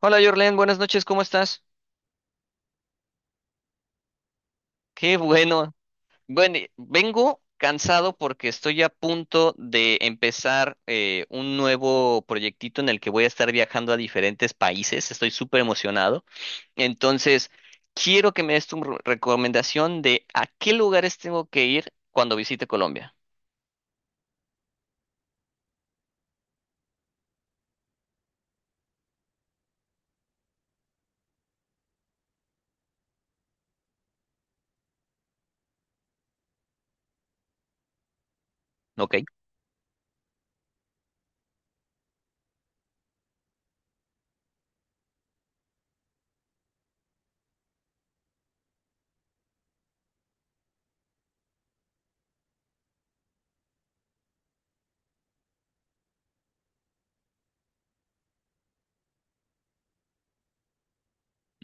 Hola Jorlen, buenas noches, ¿cómo estás? Qué bueno. Bueno, vengo cansado porque estoy a punto de empezar un nuevo proyectito en el que voy a estar viajando a diferentes países. Estoy súper emocionado. Entonces, quiero que me des tu recomendación de a qué lugares tengo que ir cuando visite Colombia. ¿Ok?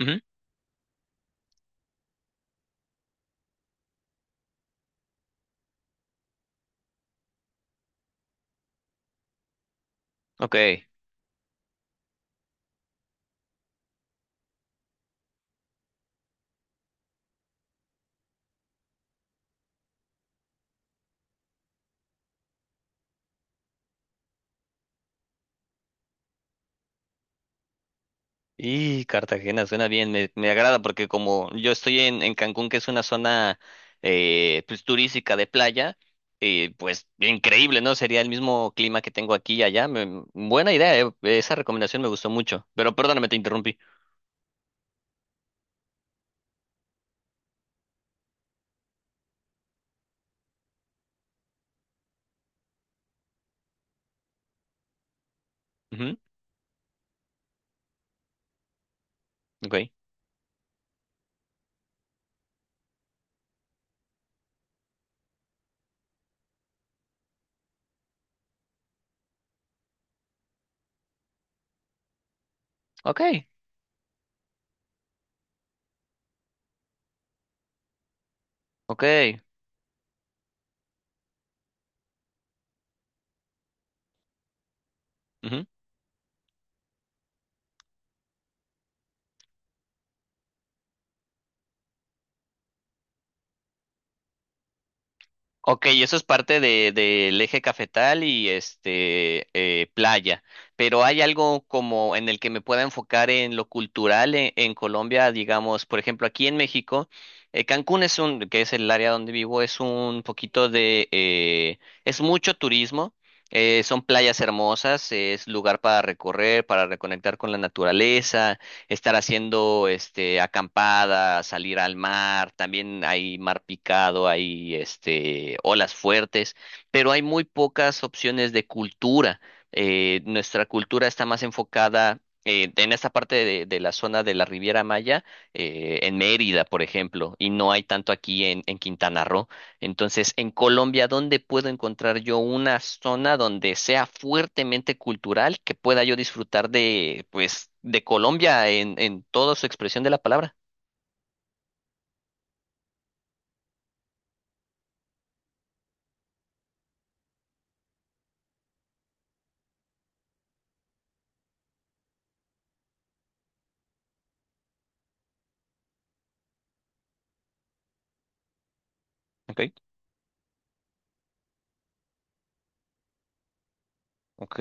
Ujú. Ok. Y Cartagena suena bien, me agrada porque como yo estoy en Cancún, que es una zona turística de playa, pues increíble, ¿no? Sería el mismo clima que tengo aquí y allá. Buena idea, esa recomendación me gustó mucho. Pero perdóname, te interrumpí. Ujú. Ok, ok, ok. Ok, eso es parte de, del eje cafetal y este playa, pero hay algo como en el que me pueda enfocar en lo cultural en Colombia, digamos, por ejemplo, aquí en México, Cancún es un, que es el área donde vivo, es un poquito de, es mucho turismo, son playas hermosas, es lugar para recorrer, para reconectar con la naturaleza, estar haciendo este acampada, salir al mar, también hay mar picado, hay este olas fuertes, pero hay muy pocas opciones de cultura. Nuestra cultura está más enfocada en esta parte de la zona de la Riviera Maya, en Mérida, por ejemplo, y no hay tanto aquí en Quintana Roo. Entonces, en Colombia, ¿dónde puedo encontrar yo una zona donde sea fuertemente cultural que pueda yo disfrutar de, pues, de Colombia en toda su expresión de la palabra? Ok, ok.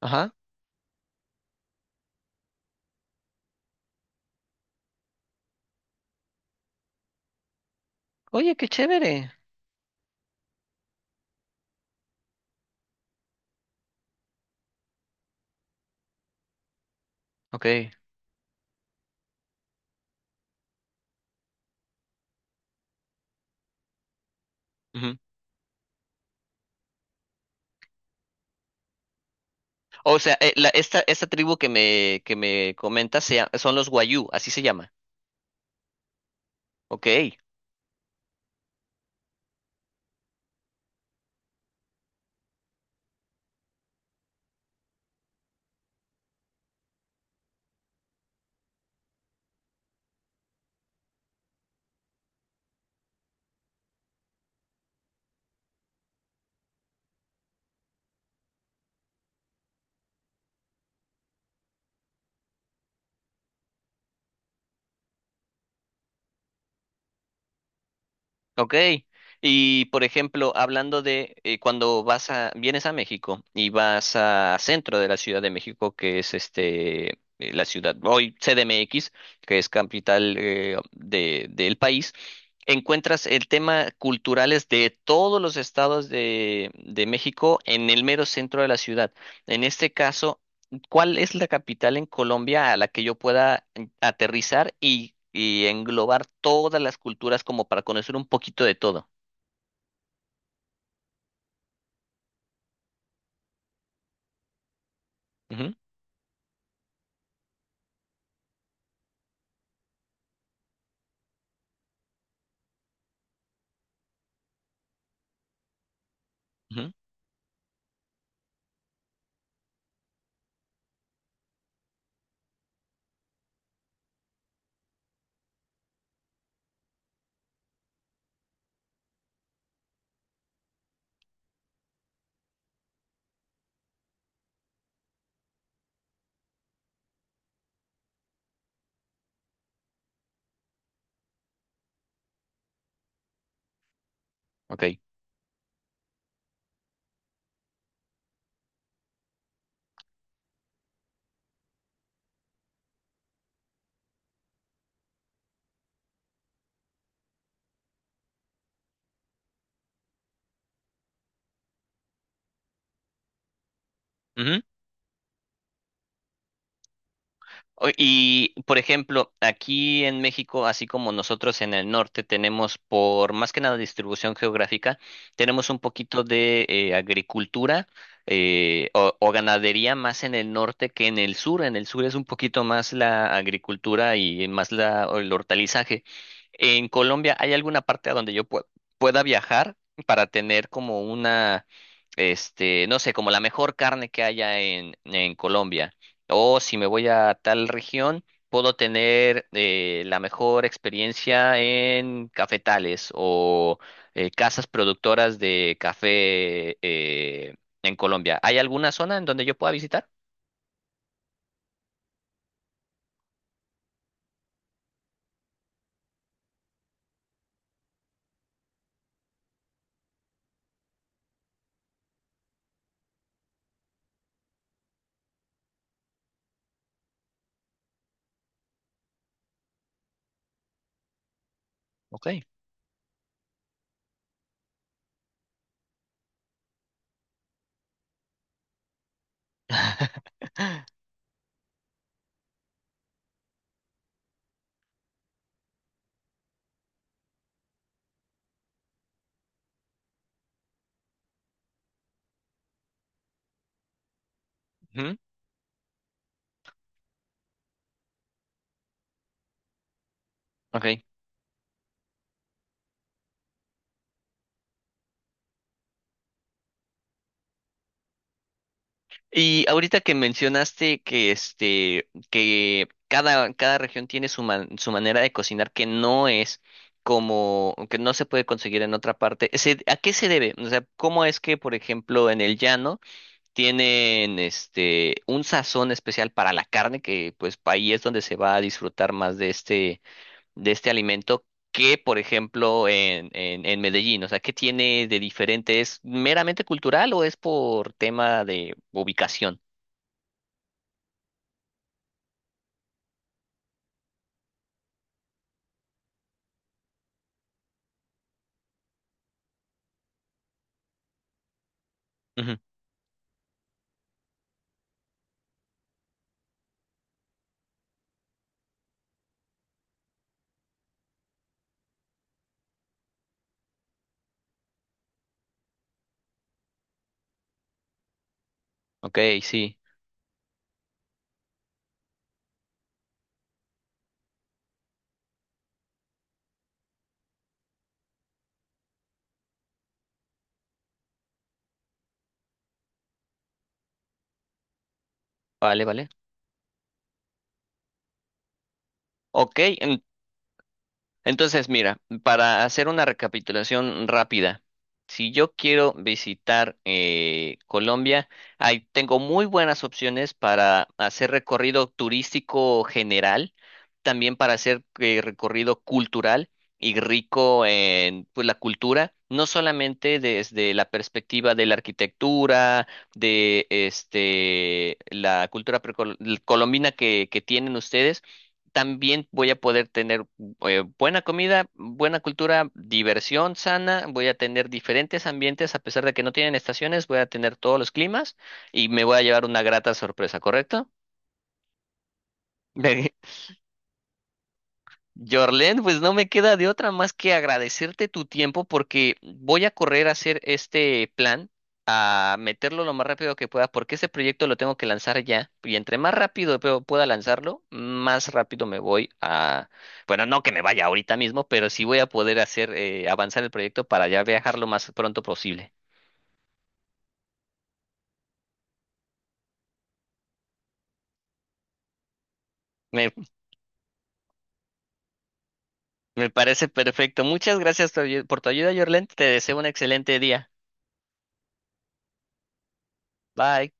Ajá. Oye, qué chévere. Ok. Ujú. O sea, esta, esta tribu que me comentas son los Guayú, así se llama. Ok. Ok, y por ejemplo, hablando de cuando vienes a México y vas a centro de la Ciudad de México, que es este, la ciudad, hoy CDMX, que es capital de, del país, encuentras el tema culturales de todos los estados de México en el mero centro de la ciudad. En este caso, ¿cuál es la capital en Colombia a la que yo pueda aterrizar y englobar todas las culturas como para conocer un poquito de todo? Ujú, ujú, ok. Ujú. O- Y, por ejemplo, aquí en México, así como nosotros en el norte tenemos, por más que nada distribución geográfica, tenemos un poquito de agricultura o ganadería más en el norte que en el sur. En el sur es un poquito más la agricultura y más la, el hortalizaje. En Colombia, ¿hay alguna parte a donde yo pueda viajar para tener como una, este, no sé, como la mejor carne que haya en Colombia? O si me voy a tal región, puedo tener la mejor experiencia en cafetales o casas productoras de café en Colombia. ¿Hay alguna zona en donde yo pueda visitar? Ok. Ujú, ok. Y ahorita que mencionaste que este que cada región tiene su manera de cocinar que no es como que no se puede conseguir en otra parte. ¿A qué se debe? O sea, ¿cómo es que, por ejemplo, en el llano tienen este un sazón especial para la carne, que pues ahí es donde se va a disfrutar más de este alimento que, por ejemplo, en Medellín? O sea, ¿qué tiene de diferente? ¿Es meramente cultural o es por tema de ubicación? Ujú. Ok, sí. Vale, vale. Ok. Entonces, mira, para hacer una recapitulación rápida, si yo quiero visitar Colombia, ahí tengo muy buenas opciones para hacer recorrido turístico general, también para hacer recorrido cultural y rico en pues, la cultura, no solamente desde la perspectiva de la arquitectura, de este, la cultura colombina que tienen ustedes, también voy a poder tener buena comida, buena cultura, diversión sana, voy a tener diferentes ambientes, a pesar de que no tienen estaciones, voy a tener todos los climas y me voy a llevar una grata sorpresa, ¿correcto? Jorlen, pues no me queda de otra más que agradecerte tu tiempo porque voy a correr a hacer este plan, a meterlo lo más rápido que pueda, porque ese proyecto lo tengo que lanzar ya. Y entre más rápido pueda lanzarlo, más rápido me voy a... Bueno, no que me vaya ahorita mismo, pero sí voy a poder hacer avanzar el proyecto para ya viajar lo más pronto posible. Me, Me parece perfecto. Muchas gracias por tu ayuda, Jorlen. Te deseo un excelente día. Bye.